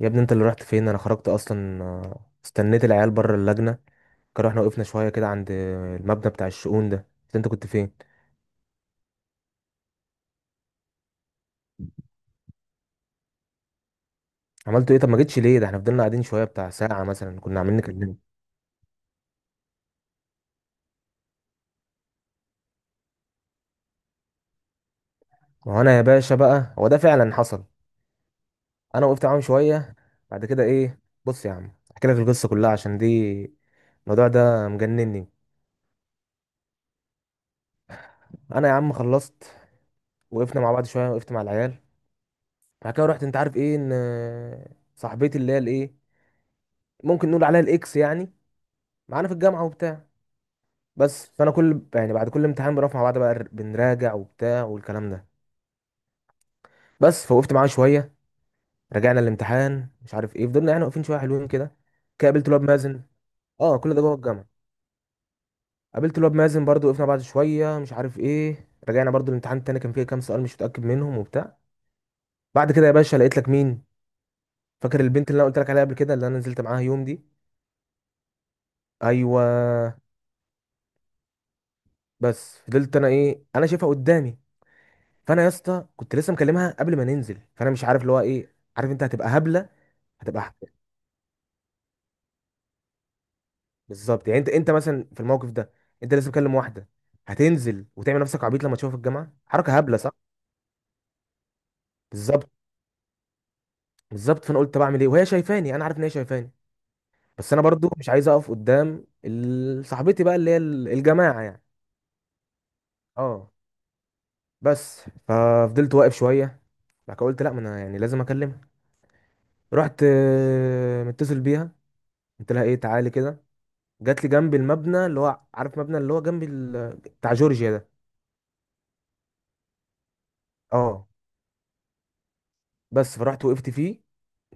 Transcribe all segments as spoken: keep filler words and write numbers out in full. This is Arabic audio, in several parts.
يا ابني، انت اللي رحت فين؟ انا خرجت اصلا، آه، استنيت العيال بره اللجنه. كانوا احنا وقفنا شويه كده عند المبنى بتاع الشؤون ده. بس انت كنت فين؟ عملتوا ايه؟ طب ما جيتش ليه؟ ده احنا فضلنا قاعدين شويه بتاع ساعه مثلا، كنا عاملين نكلمه. ما هو انا يا باشا بقى، هو ده فعلا حصل. انا وقفت معاهم شويه، بعد كده ايه؟ بص يا عم، احكي لك القصه كلها عشان دي، الموضوع ده مجنني. انا يا عم خلصت، وقفنا مع بعض شويه، وقفت مع العيال، بعد كده رحت. انت عارف ايه؟ ان آه، صاحبتي اللي هي الايه، ممكن نقول عليها الاكس يعني، معانا في الجامعه وبتاع. بس فانا كل يعني بعد كل امتحان بنقف مع بعض بقى، بنراجع وبتاع والكلام ده. بس فوقفت معاه شويه، رجعنا الامتحان مش عارف ايه، فضلنا يعني واقفين شويه حلوين كده. كده قابلت الواد مازن. اه، كل ده جوه الجامعه. قابلت الواد مازن برضو، وقفنا بعد شويه مش عارف ايه، رجعنا برضو الامتحان التاني، كان فيه كام سؤال مش متاكد منهم وبتاع. بعد كده يا باشا لقيت لك مين؟ فاكر البنت اللي انا قلت لك عليها قبل كده، اللي انا نزلت معاها يوم دي؟ ايوه. بس فضلت انا ايه، انا شايفها قدامي. فانا يا اسطى كنت لسه مكلمها قبل ما ننزل، فانا مش عارف اللي هو ايه. عارف انت، هتبقى هبله. هتبقى أحسن. بالظبط يعني، أنت أنت مثلا في الموقف ده، أنت لسه بتكلم واحدة، هتنزل وتعمل نفسك عبيط لما تشوفها في الجامعة؟ حركة هبلة، صح؟ بالظبط. بالظبط. فأنا قلت بعمل إيه وهي شايفاني؟ أنا عارف إن هي شايفاني. بس أنا برضو مش عايز أقف قدام ال- صاحبتي بقى اللي هي ال- الجماعة يعني. أه. بس ففضلت واقف شوية. بعد كده قلت لا، ما أنا يعني لازم أكلمها. رحت آه، متصل بيها، قلت لها إيه، تعالي كده. جات لي جنب المبنى، اللي هو عارف مبنى اللي هو جنب ال- بتاع جورجيا ده. اه. بس فرحت وقفت فيه،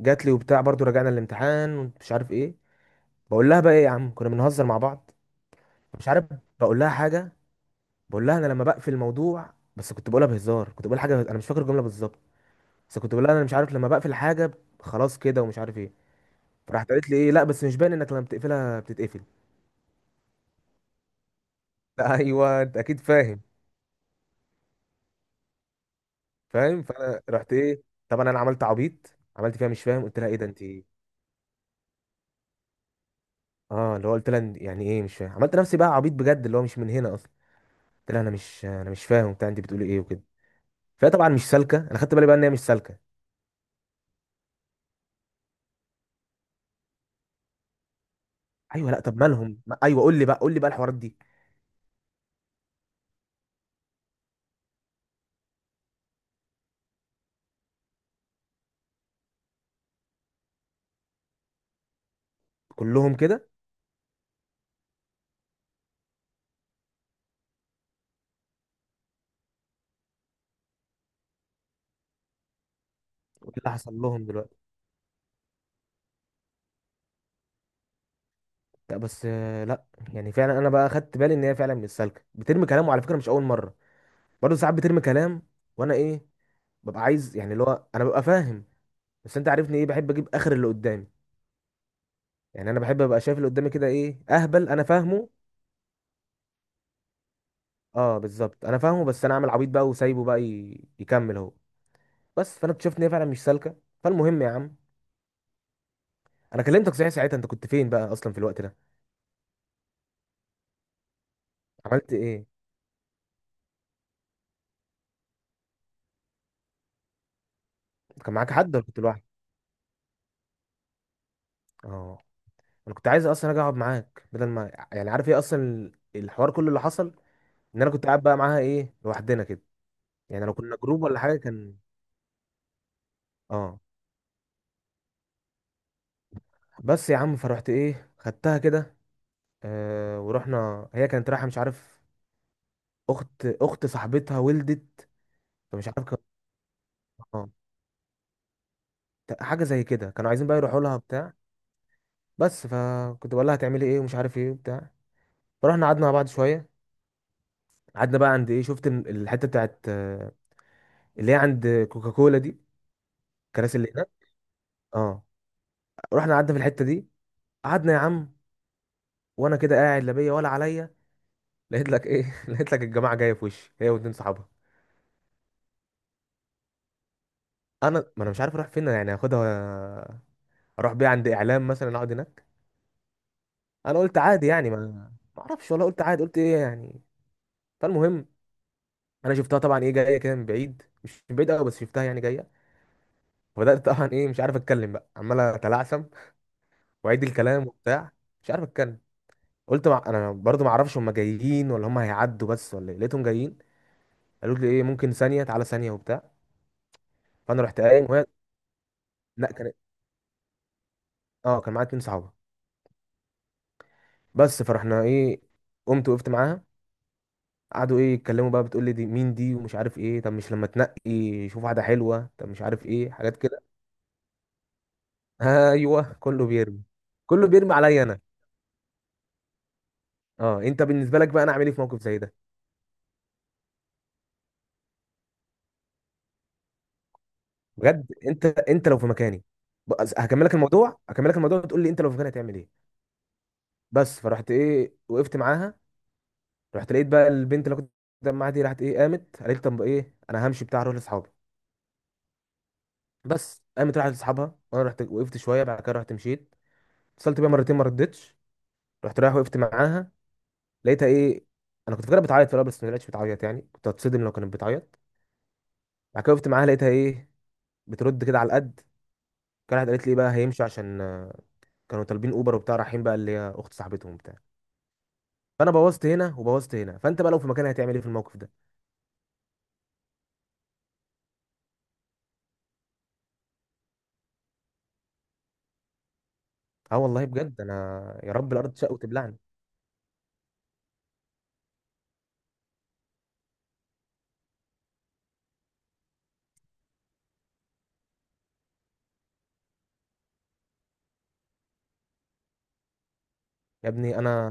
جات لي وبتاع، برضو رجعنا الامتحان ومش عارف ايه. بقول لها بقى ايه يا عم، كنا بنهزر مع بعض مش عارف. بقول لها حاجه، بقول لها انا لما بقفل الموضوع، بس كنت بقولها بهزار، كنت بقول حاجه انا مش فاكر الجمله بالظبط. بس كنت بقول لها انا مش عارف لما بقفل حاجه خلاص كده، ومش عارف ايه. فراحت قالت لي ايه، لا بس مش باين انك لما بتقفلها بتتقفل. لا ايوه انت اكيد فاهم. فاهم. فانا رحت ايه، طبعا انا عملت عبيط، عملت فيها مش فاهم، قلت لها ايه ده، انت ايه. اه، اللي هو قلت لها يعني ايه مش فاهم، عملت نفسي بقى عبيط بجد، اللي هو مش من هنا اصلا. قلت لها انا مش انا مش فاهم بتاع انت بتقولي ايه وكده. فهي طبعا مش سالكه، انا خدت بالي بقى ان هي مش سالكه. ايوه لا طب مالهم ما- ايوه قول لي بقى، قول لي بقى الحوارات دي. كلهم كده. وايه اللي حصل لهم دلوقتي؟ لا بس آه، لا، يعني فعلا انا بقى خدت بالي ان هي فعلا مش سالكه، بترمي كلام، وعلى فكره مش اول مره، برضه ساعات بترمي كلام. وانا ايه، ببقى عايز يعني اللي هو انا ببقى فاهم. بس انت عارفني ايه، بحب اجيب اخر اللي قدامي يعني. انا بحب ابقى شايف اللي قدامي كده، ايه اهبل انا فاهمه. اه بالظبط انا فاهمه، بس انا اعمل عبيط بقى وسايبه بقى ي- يكمل هو. بس فانا اكتشفت ان هي فعلا مش سالكه. فالمهم يا عم، انا كلمتك صحيح ساعتها، انت كنت فين بقى اصلا في الوقت ده؟ عملت ايه؟ كان معاك حد ولا كنت لوحدك؟ اه. انا كنت عايز اصلا اجي اقعد معاك، بدل ما يعني عارف ايه اصلا، الحوار كله اللي حصل ان انا كنت قاعد بقى معاها ايه لوحدنا كده. يعني لو كنا جروب ولا حاجه كان. اه. بس يا عم فرحت ايه، خدتها كده. آه ورحنا، هي كانت رايحه مش عارف، اخت اخت صاحبتها ولدت. فمش عارف كان- اه، حاجه زي كده، كانوا عايزين بقى يروحوا لها بتاع. بس فكنت بقول لها هتعملي ايه ومش عارف ايه وبتاع. فرحنا قعدنا مع بعض شويه، قعدنا بقى عند ايه، شفت ال- الحته بتاعت آه، اللي هي عند كوكاكولا دي، الكراسي اللي هناك. اه. رحنا قعدنا في الحته دي، قعدنا يا عم، وانا كده قاعد لا بيا ولا عليا، لقيت لك ايه، لقيت لك الجماعه جايه في وشي هي واتنين صحابها. انا ما انا مش عارف اروح فين يعني، هاخدها اروح بيها عند اعلام مثلا اقعد هناك؟ انا قلت عادي يعني، ما ما اعرفش والله، قلت عادي، قلت ايه يعني. فالمهم، انا شفتها طبعا ايه جايه كده من بعيد، مش من بعيد قوي بس شفتها يعني جايه. فبدات طبعا ايه، مش عارف اتكلم بقى، عمال اتلعثم واعيد الكلام وبتاع، مش عارف اتكلم. قلت مع... انا برضو ما اعرفش هم جايين ولا هم هيعدوا بس ولا ايه، لقيتهم جايين. قالوا لي ايه، ممكن ثانيه، تعالى ثانيه وبتاع. فانا رحت قايم، وهي لا كان، اه كان معايا اتنين صحابه. بس فرحنا ايه، قمت وقفت معاها. قعدوا ايه يتكلموا بقى، بتقول لي دي مين دي ومش عارف ايه، طب مش لما تنقي، شوف واحده حلوه، طب مش عارف ايه، حاجات كده. ايوه كله بيرمي. كله بيرمي عليا انا. اه، انت بالنسبه لك بقى، انا اعمل ايه في موقف زي ده؟ بجد، انت انت لو في مكاني، بقى- هكملك الموضوع، هكملك الموضوع، تقول لي انت لو في مكاني هتعمل ايه. بس فرحت ايه، وقفت معاها، رحت لقيت بقى البنت اللي كنت معاها دي، راحت ايه قامت قالت طب ايه، انا همشي بتاع، اروح لاصحابي. بس قامت راحت لاصحابها، وانا رحت وقفت شويه، بعد كده رحت مشيت، اتصلت بيها مرتين ما ردتش. رحت رايح وقفت معاها، لقيتها ايه. انا كنت فاكرها بتعيط في الاول، بس ما لقيتش بتعيط يعني، كنت هتصدم لو كانت بتعيط. بعد كده وقفت معاها، لقيتها ايه، بترد كده على القد. كانت قالت لي ايه بقى، هيمشي عشان آه، كانوا طالبين اوبر وبتاع، رايحين بقى اللي هي اخت صاحبتهم وبتاع. فانا بوظت هنا وبوظت هنا. فانت بقى لو في مكاني هتعمل ايه في الموقف ده؟ اه والله بجد، انا يا رب الارض تشق وتبلعني. يا ابني انا،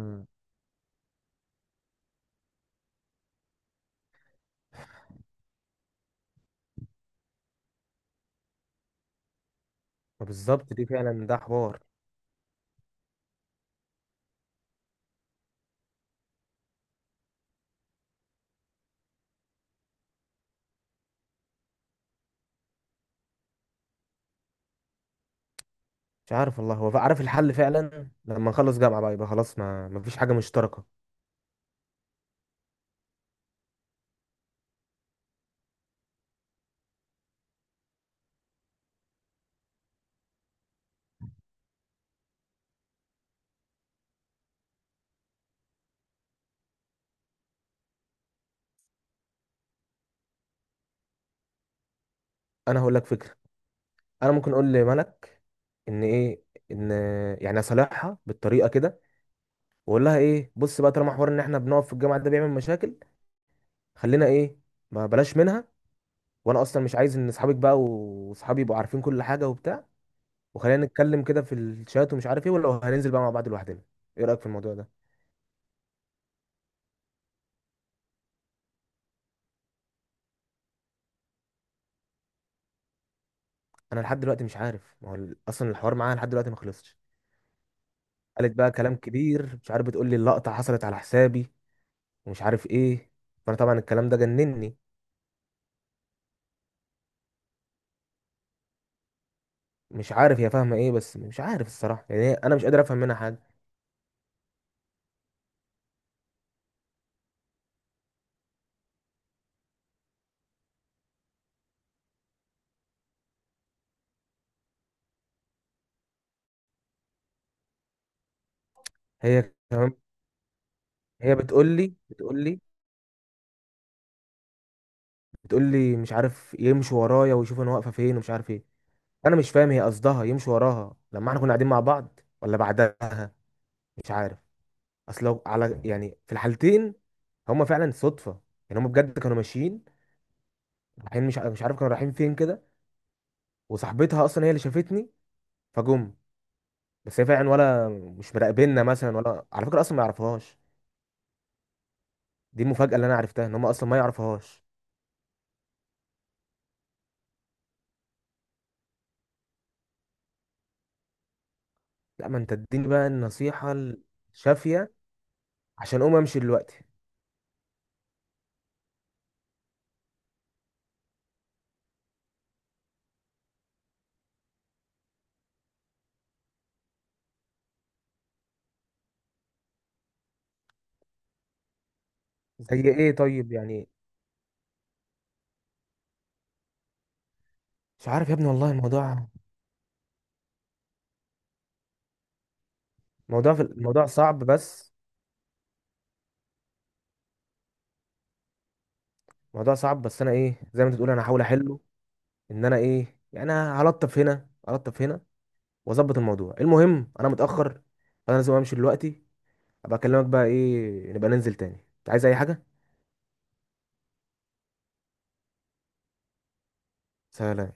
ما بالظبط دي فعلا، ده حوار. مش عارف والله، هو عارف الحل فعلا، لما نخلص جامعه بقى يبقى خلاص، ما ما فيش حاجه مشتركه. انا هقول لك فكره، انا ممكن اقول لملك ان ايه، ان يعني اصالحها بالطريقه كده، واقول لها ايه، بص بقى، طالما حوار ان احنا بنقف في الجامعه ده بيعمل مشاكل، خلينا ايه، ما بلاش منها. وانا اصلا مش عايز ان اصحابك بقى واصحابي يبقوا عارفين كل حاجه وبتاع، وخلينا نتكلم كده في الشات ومش عارف ايه، ولا هننزل بقى مع بعض لوحدنا؟ ايه رايك في الموضوع ده؟ انا لحد دلوقتي مش عارف، ما هو ال- اصلا الحوار معاها لحد دلوقتي ما خلصش. قالت بقى كلام كبير مش عارف، بتقول لي اللقطه حصلت على حسابي، ومش عارف ايه. فانا طبعا الكلام ده جنني. مش عارف هي فاهمه ايه، بس مش عارف الصراحه يعني، هي- انا مش قادر افهم منها حاجه. هي كمان، هي بتقول لي بتقول لي بتقول لي مش عارف، يمشي ورايا ويشوف انا واقفه فين ومش عارف ايه. انا مش فاهم هي قصدها يمشي وراها لما احنا كنا قاعدين مع بعض ولا بعدها؟ مش عارف. اصل لو على يعني في الحالتين، هما فعلا صدفه. يعني هما بجد كانوا ماشيين رايحين، مش ع- مش عارف كانوا رايحين فين كده. وصاحبتها اصلا هي اللي شافتني فجم. بس هي فعلا ولا مش مراقبيننا مثلا؟ ولا على فكره اصلا ما يعرفهاش. دي المفاجاه اللي انا عرفتها، ان هما اصلا ما يعرفهاش. لا، ما انت اديني بقى النصيحه الشافيه، عشان اقوم امشي دلوقتي. زي ايه طيب يعني؟ مش عارف يا ابني والله الموضوع، موضوع في الموضوع صعب بس موضوع صعب، بس انا ايه، زي ما انت بتقول انا هحاول احله، ان انا ايه يعني، انا هلطف هنا هلطف هنا، واظبط الموضوع. المهم انا متاخر، انا لازم امشي دلوقتي. ابقى اكلمك بقى ايه، نبقى ننزل تاني. انت عايز اي حاجه؟ سلام.